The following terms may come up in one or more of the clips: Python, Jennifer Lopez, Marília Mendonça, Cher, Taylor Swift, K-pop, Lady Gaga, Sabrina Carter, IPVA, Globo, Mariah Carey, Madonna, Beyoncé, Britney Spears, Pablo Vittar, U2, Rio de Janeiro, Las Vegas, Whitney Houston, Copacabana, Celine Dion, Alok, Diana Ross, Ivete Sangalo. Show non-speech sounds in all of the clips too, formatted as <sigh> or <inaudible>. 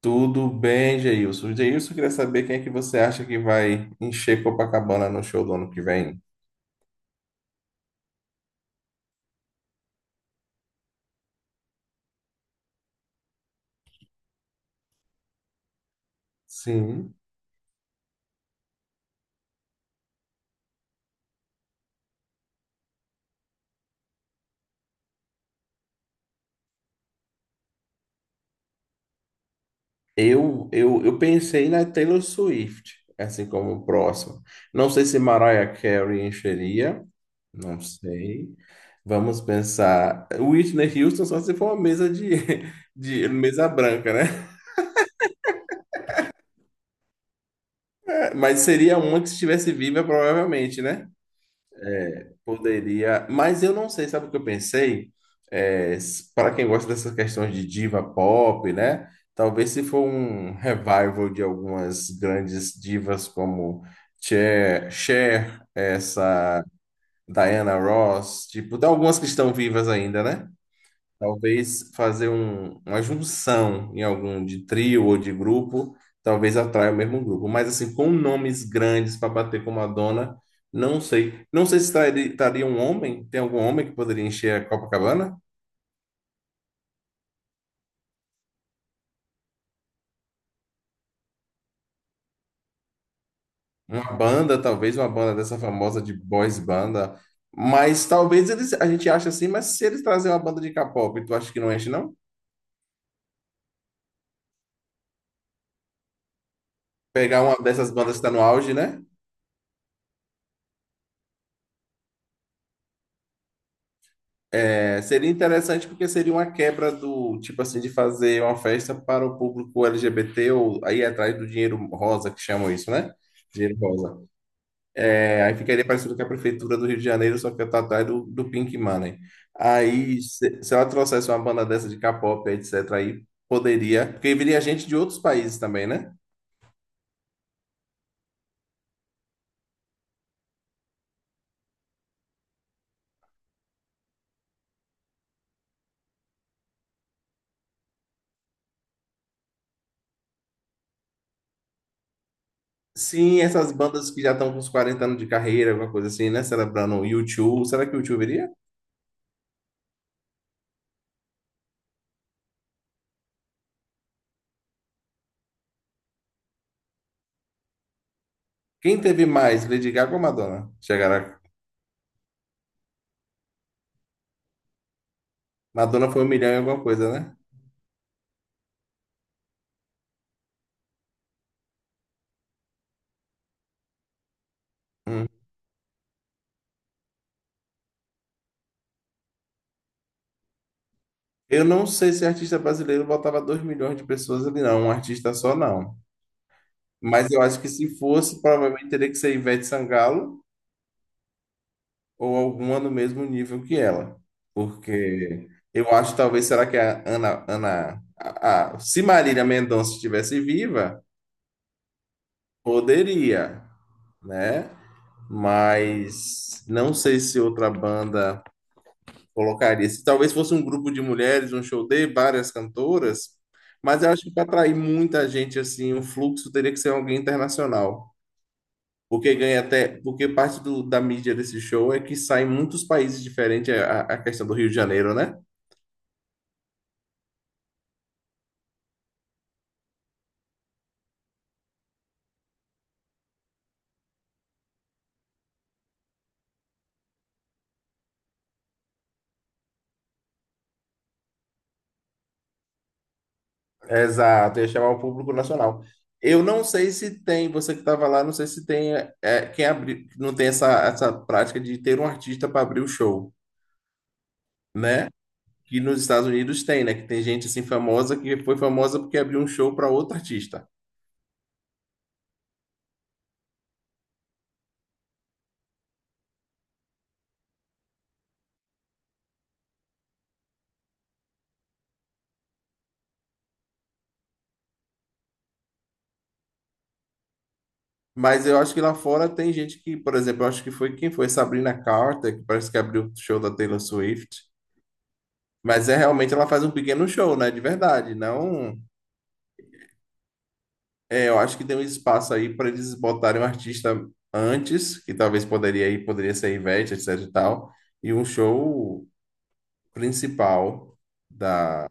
Tudo bem, Geilson? Geilson, queria saber quem é que você acha que vai encher Copacabana no show do ano que vem? Sim. Eu pensei na Taylor Swift, assim como o próximo. Não sei se Mariah Carey encheria, não sei. Vamos pensar. Whitney Houston só se for uma mesa de, <laughs> de mesa branca, né? É, mas seria uma que estivesse viva, provavelmente, né? Poderia, mas eu não sei, sabe o que eu pensei? É, para quem gosta dessas questões de diva pop, né? Talvez se for um revival de algumas grandes divas como Cher, Cher, essa Diana Ross, tipo, tem algumas que estão vivas ainda, né? Talvez fazer uma junção em algum de trio ou de grupo, talvez atraia o mesmo grupo. Mas assim, com nomes grandes para bater com Madonna, não sei. Não sei se estaria um homem, tem algum homem que poderia encher a Copacabana? Uma banda, talvez uma banda dessa famosa de boys banda. Mas talvez eles, a gente ache assim, mas se eles trazerem uma banda de K-pop, tu acha que não enche, não? Pegar uma dessas bandas que está no auge, né? É, seria interessante porque seria uma quebra do tipo assim de fazer uma festa para o público LGBT ou aí atrás do dinheiro rosa que chamam isso, né? Dinheiro rosa. É, aí ficaria parecido com a prefeitura do Rio de Janeiro, só que tá atrás do Pink Money. Aí se ela trouxesse uma banda dessa de K-pop, etc, aí poderia, porque viria gente de outros países também, né? Sim, essas bandas que já estão com uns 40 anos de carreira, alguma coisa assim, né? Celebrando o U2, será que o U2 viria? Quem teve mais, Lady Gaga ou Madonna? Chegaram. Madonna foi 1 milhão e alguma coisa, né? Hum. Eu não sei se artista brasileiro botava 2 milhões de pessoas ali, não. Um artista só, não. Mas eu acho que se fosse, provavelmente teria que ser Ivete Sangalo ou alguma no mesmo nível que ela. Porque eu acho, talvez, será que a Ana... Ana a- se Marília Mendonça estivesse viva, poderia, né? Mas não sei se outra banda colocaria. Se talvez fosse um grupo de mulheres, um show de várias cantoras, mas eu acho que para atrair muita gente, assim, o fluxo teria que ser alguém internacional. Porque ganha até, porque parte da mídia desse show é que sai em muitos países diferentes é a questão do Rio de Janeiro, né? Exato, ia chamar o público nacional. Eu não sei se tem, você que estava lá, não sei se tem não tem essa prática de ter um artista para abrir o show, né? Que nos Estados Unidos tem, né? Que tem gente assim famosa que foi famosa porque abriu um show para outro artista. Mas eu acho que lá fora tem gente que, por exemplo, eu acho que foi Sabrina Carter, que parece que abriu o show da Taylor Swift. Mas é realmente ela faz um pequeno show, né? De verdade. Não, eu acho que tem um espaço aí para eles botarem um artista antes, que talvez poderia ir, poderia ser a Ivete, etc e tal, e um show principal da.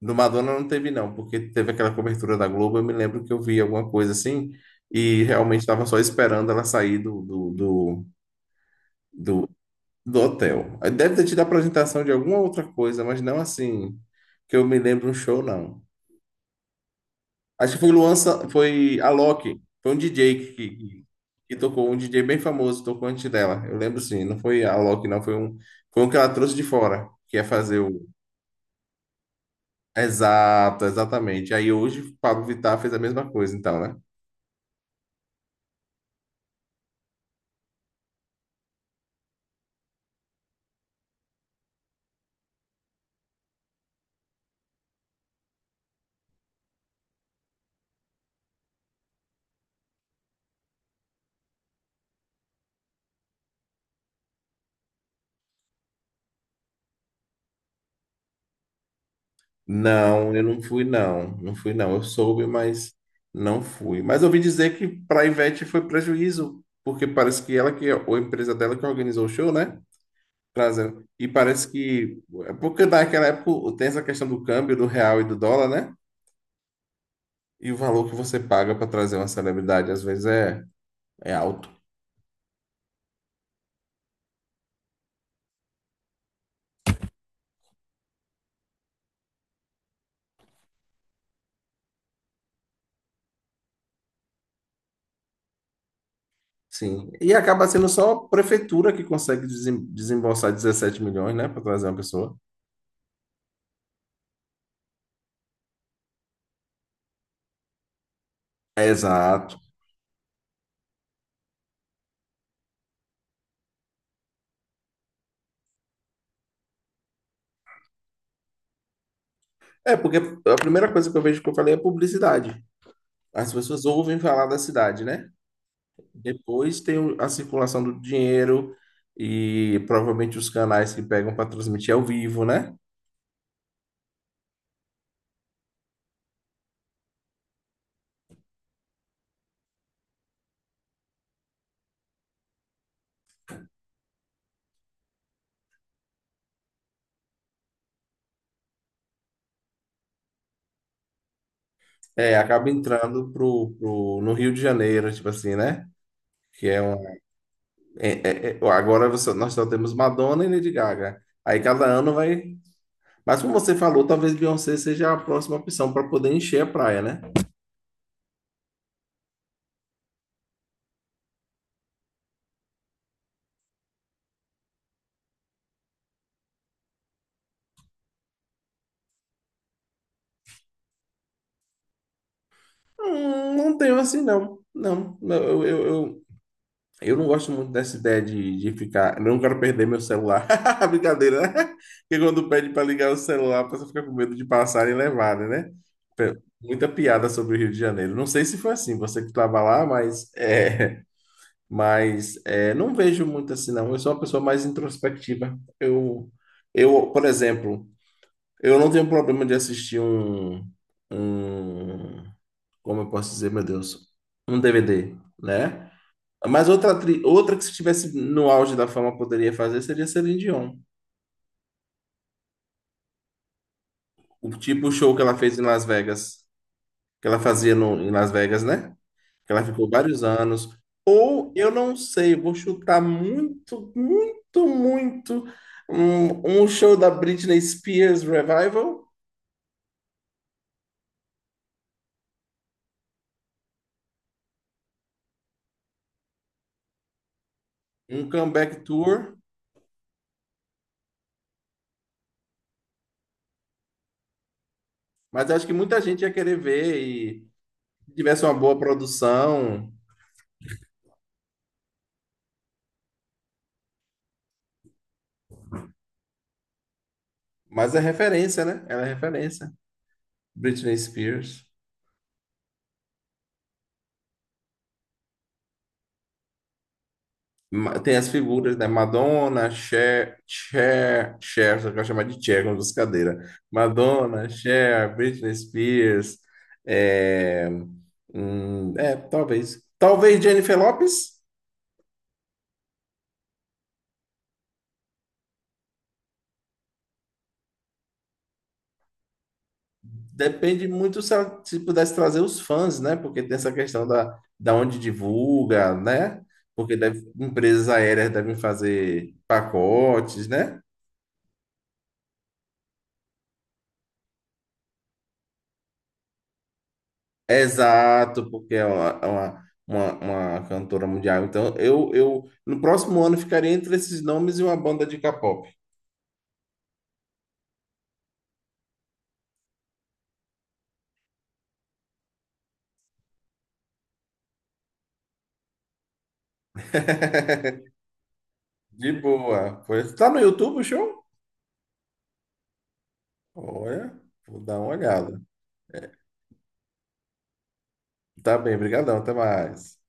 No Madonna não teve, não, porque teve aquela cobertura da Globo. Eu me lembro que eu vi alguma coisa assim e realmente estava só esperando ela sair do, do hotel. Aí deve ter tido a apresentação de alguma outra coisa, mas não assim que eu me lembro um show, não. Acho que foi Luan, foi Alok, foi um DJ que tocou, um DJ bem famoso, tocou antes dela. Eu lembro sim, não foi Alok, não, foi um que ela trouxe de fora, que ia fazer o. Exato, exatamente. Aí hoje o Pablo Vittar fez a mesma coisa, então, né? Não, eu não fui, não. Não fui, não. Eu soube, mas não fui. Mas eu ouvi dizer que para a Ivete foi prejuízo, porque parece que ela ou a empresa dela que organizou o show, né? Trazendo. E parece que, é porque naquela época tem essa questão do câmbio, do real e do dólar, né? E o valor que você paga para trazer uma celebridade, às vezes, é alto. Sim. E acaba sendo só a prefeitura que consegue desembolsar 17 milhões, né? Para trazer uma pessoa. Exato. É, porque a primeira coisa que eu vejo que eu falei é publicidade. As pessoas ouvem falar da cidade, né? Depois tem a circulação do dinheiro e provavelmente os canais que pegam para transmitir ao vivo, né? É, acaba entrando no Rio de Janeiro, tipo assim, né? Que é um. Nós só temos Madonna e Lady Gaga. Aí cada ano vai. Mas como você falou, talvez Beyoncé seja a próxima opção para poder encher a praia, né? Não tenho assim, não. Não, não, eu, eu, Eu não gosto muito dessa ideia de ficar. Eu não quero perder meu celular. <laughs> Brincadeira, né? Porque quando pede para ligar o celular, a pessoa fica com medo de passar e levarem, né? Muita piada sobre o Rio de Janeiro. Não sei se foi assim, você que estava lá, mas, não vejo muito assim, não. Eu sou uma pessoa mais introspectiva. Eu, por exemplo, eu não tenho problema de assistir um, como eu posso dizer, meu Deus, um DVD, né? Mas outra, outra que se estivesse no auge da fama poderia fazer seria Celine Dion. O tipo o show que ela fez em Las Vegas, que ela fazia no, em Las Vegas, né? Que ela ficou vários anos. Ou eu não sei, vou chutar muito, muito, muito um show da Britney Spears Revival, um comeback tour. Mas eu acho que muita gente ia querer ver e se tivesse uma boa produção. Mas é referência, né? Ela é referência. Britney Spears. Tem as figuras, né? Madonna, Cher, Cher, Cher, só que eu chamar de Cher, como dos cadeira. Madonna, Cher, Britney Spears, é, talvez. Talvez Jennifer Lopez. Depende muito se, ela, se pudesse trazer os fãs, né? Porque tem essa questão da onde divulga, né? Porque empresas aéreas devem fazer pacotes, né? Exato, porque é uma cantora mundial. Então, eu no próximo ano ficaria entre esses nomes e uma banda de K-pop. <laughs> De boa. Pois, tá no YouTube o show? Olha, vou dar uma olhada. Tá bem, brigadão, até mais.